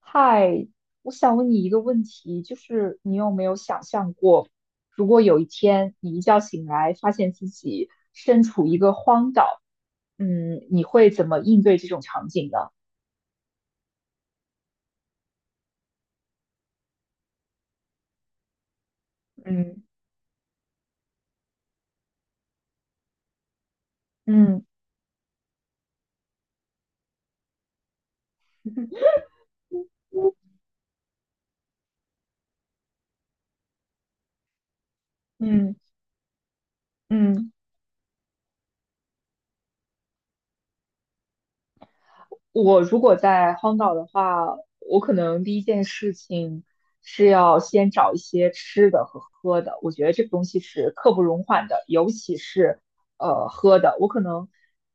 嗨，我想问你一个问题，就是你有没有想象过，如果有一天你一觉醒来，发现自己身处一个荒岛，你会怎么应对这种场景呢？嗯嗯 嗯嗯。我如果在荒岛的话，我可能第一件事情是要先找一些吃的和喝的。我觉得这个东西是刻不容缓的，尤其是喝的。我可能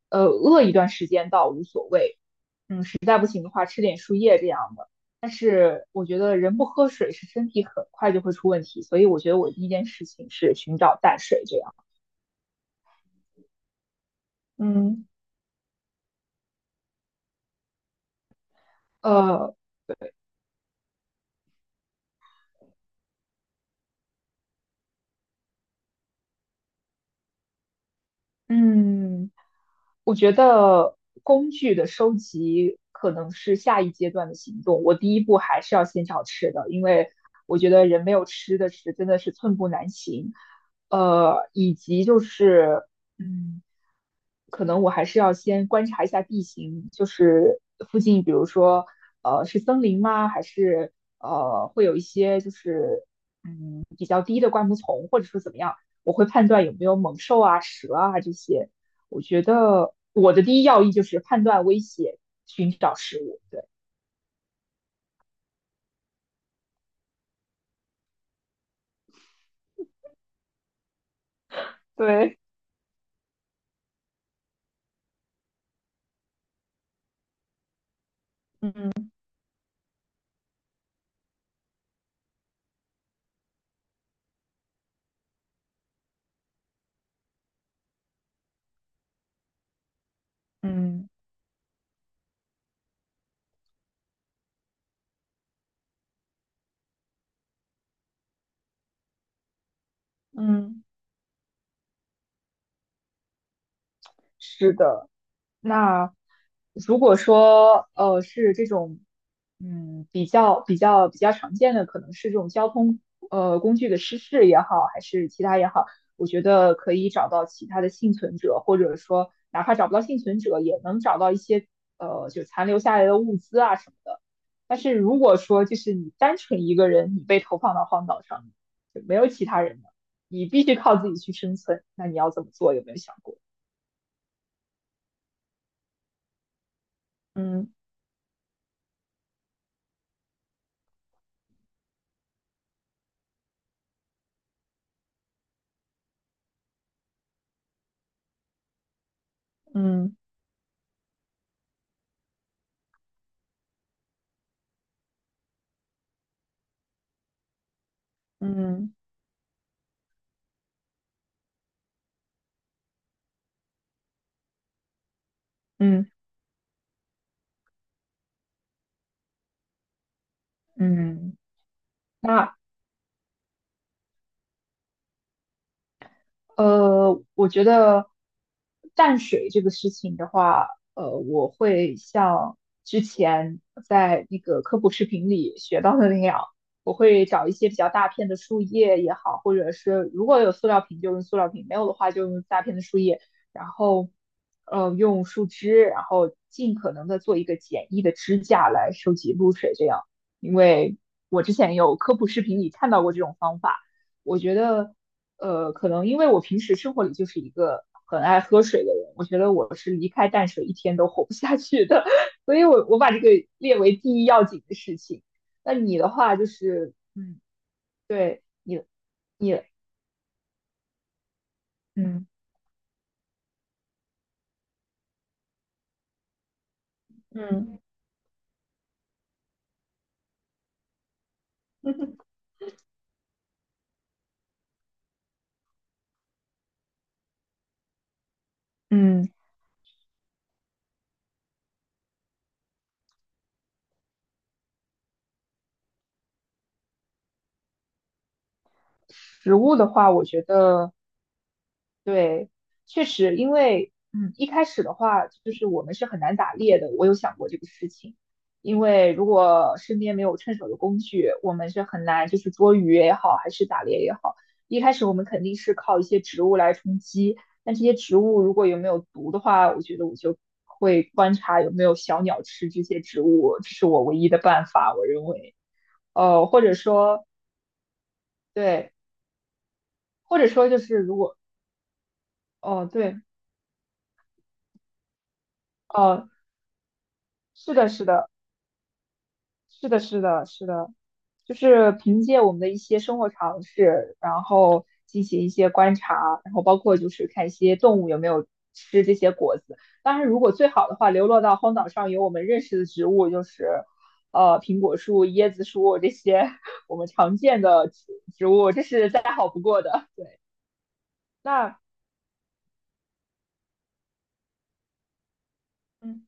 饿一段时间倒无所谓，的话吃点树叶这样的。但是我觉得人不喝水是身体很快就会出问题，所以我觉得我第一件事情是寻找淡水这样。嗯，呃，嗯。我觉得工具的收集可能是下一阶段的行动。我第一步还是要先找吃的，因为我觉得人没有吃的是真的是寸步难行。以及就是，嗯，可能我还是要先观察一下地形，就是附近，比如说，是森林吗？还是会有一些就是比较低的灌木丛，或者说怎么样，我会判断有没有猛兽啊、蛇啊这些。我觉得我的第一要义就是判断危险，寻找食物。对，对，嗯嗯嗯，是的。那如果说是这种，比较常见的，可能是这种交通工具的失事也好，还是其他也好，我觉得可以找到其他的幸存者，或者说哪怕找不到幸存者，也能找到一些就残留下来的物资啊什么的。但是如果说就是你单纯一个人，你被投放到荒岛上，就没有其他人了，你必须靠自己去生存，那你要怎么做？有没有想过？嗯嗯嗯。嗯嗯，那我觉得淡水这个事情的话，我会像之前在那个科普视频里学到的那样，我会找一些比较大片的树叶也好，或者是如果有塑料瓶就用塑料瓶，没有的话就用大片的树叶，然后用树枝，然后尽可能的做一个简易的支架来收集露水，这样，因为我之前有科普视频里看到过这种方法。我觉得可能因为我平时生活里就是一个很爱喝水的人，我觉得我是离开淡水一天都活不下去的，所以我把这个列为第一要紧的事情。那你的话就是，对。你。嗯嗯 嗯，食物的话，我觉得。对，确实，因为一开始的话，就是我们是很难打猎的。我有想过这个事情，因为如果身边没有趁手的工具，我们是很难就是捉鱼也好，还是打猎也好。一开始我们肯定是靠一些植物来充饥，但这些植物如果有没有毒的话，我觉得我就会观察有没有小鸟吃这些植物，这是我唯一的办法，我认为。或者说，对，或者说就是如果，哦，对，哦，是的，是的。是的，是的，是的，就是凭借我们的一些生活常识，然后进行一些观察，然后包括就是看一些动物有没有吃这些果子。当然，如果最好的话，流落到荒岛上有我们认识的植物，就是苹果树、椰子树这些 我们常见的植物，这是再好不过的。对，那嗯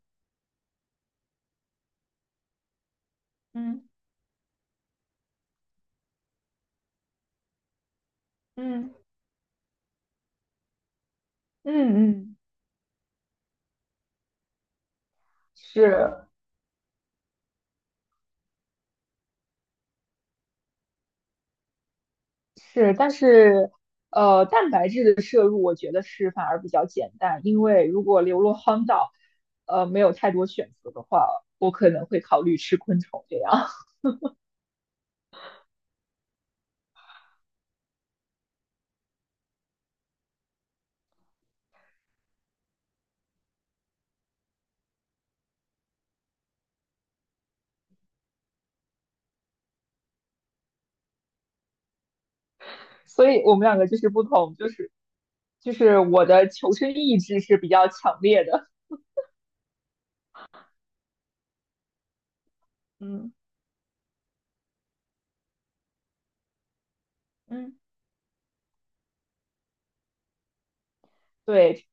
嗯嗯嗯嗯，是。是，但是蛋白质的摄入我觉得是反而比较简单，因为如果流落荒岛，没有太多选择的话，我可能会考虑吃昆虫这样。所以我们两个就是不同，就是我的求生意志是比较强烈的，嗯。嗯，对。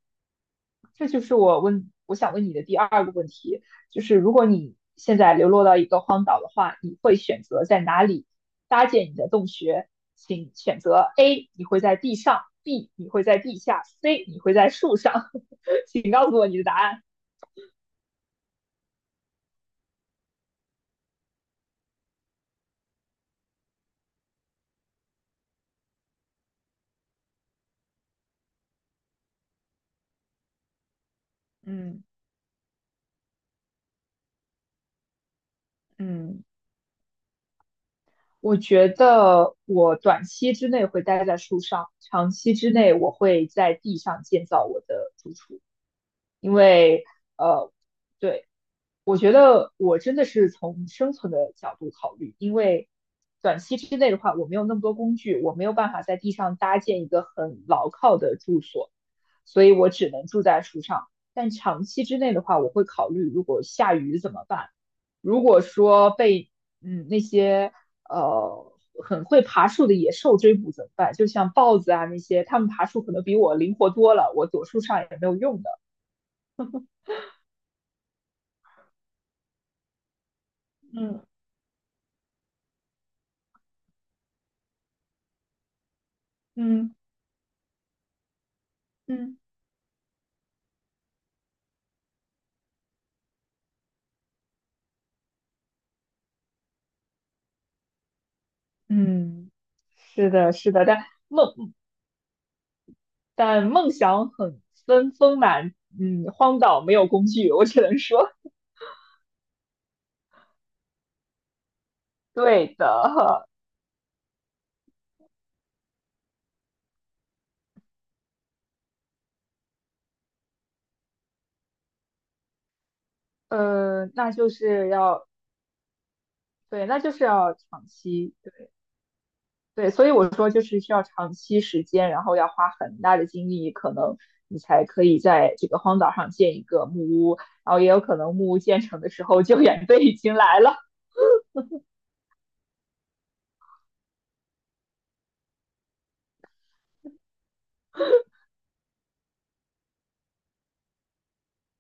这就是我想问你的第二个问题，就是如果你现在流落到一个荒岛的话，你会选择在哪里搭建你的洞穴？请选择 A，你会在地上；B，你会在地下；C，你会在树上。请告诉我你的答案。嗯嗯，我觉得我短期之内会待在树上，长期之内我会在地上建造我的住处，因为呃，对，我觉得我真的是从生存的角度考虑，因为短期之内的话，我没有那么多工具，我没有办法在地上搭建一个很牢靠的住所，所以我只能住在树上。但长期之内的话，我会考虑如果下雨怎么办。如果说被那些呃很会爬树的野兽追捕怎么办？就像豹子啊那些，它们爬树可能比我灵活多了，我躲树上也没有用的。嗯嗯嗯，嗯。是的，是的，梦但梦想很丰满，荒岛没有工具，我只能说，对的，那就是要对，那就是要长期，对对，所以我说就是需要长期时间，然后要花很大的精力，可能你才可以在这个荒岛上建一个木屋，然后也有可能木屋建成的时候救援队已经来了。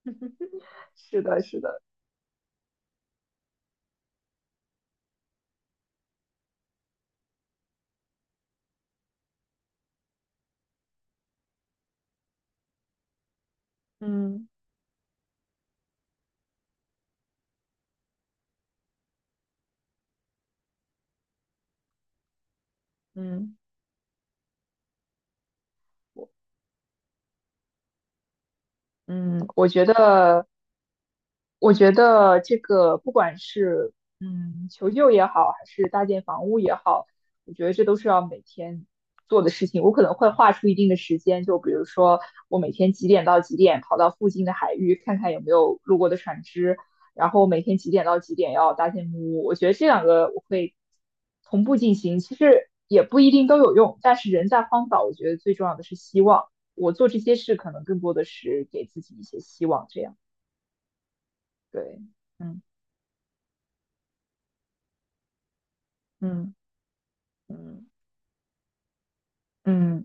是的，是的，嗯嗯嗯，我觉得这个不管是求救也好，还是搭建房屋也好，我觉得这都是要每天做的事情。我可能会划出一定的时间，就比如说我每天几点到几点跑到附近的海域看看有没有路过的船只，然后每天几点到几点要搭建木屋。我觉得这两个我会同步进行，其实也不一定都有用，但是人在荒岛，我觉得最重要的是希望。我做这些事可能更多的是给自己一些希望，这样对。嗯。嗯嗯嗯，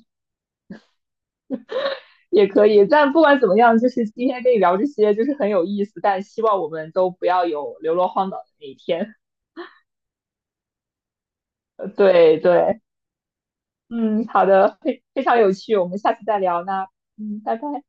也可以。但不管怎么样，就是今天跟你聊这些，就是很有意思。但希望我们都不要有流落荒岛的那一天。对对，嗯，好的，非常有趣，我们下次再聊。那拜拜。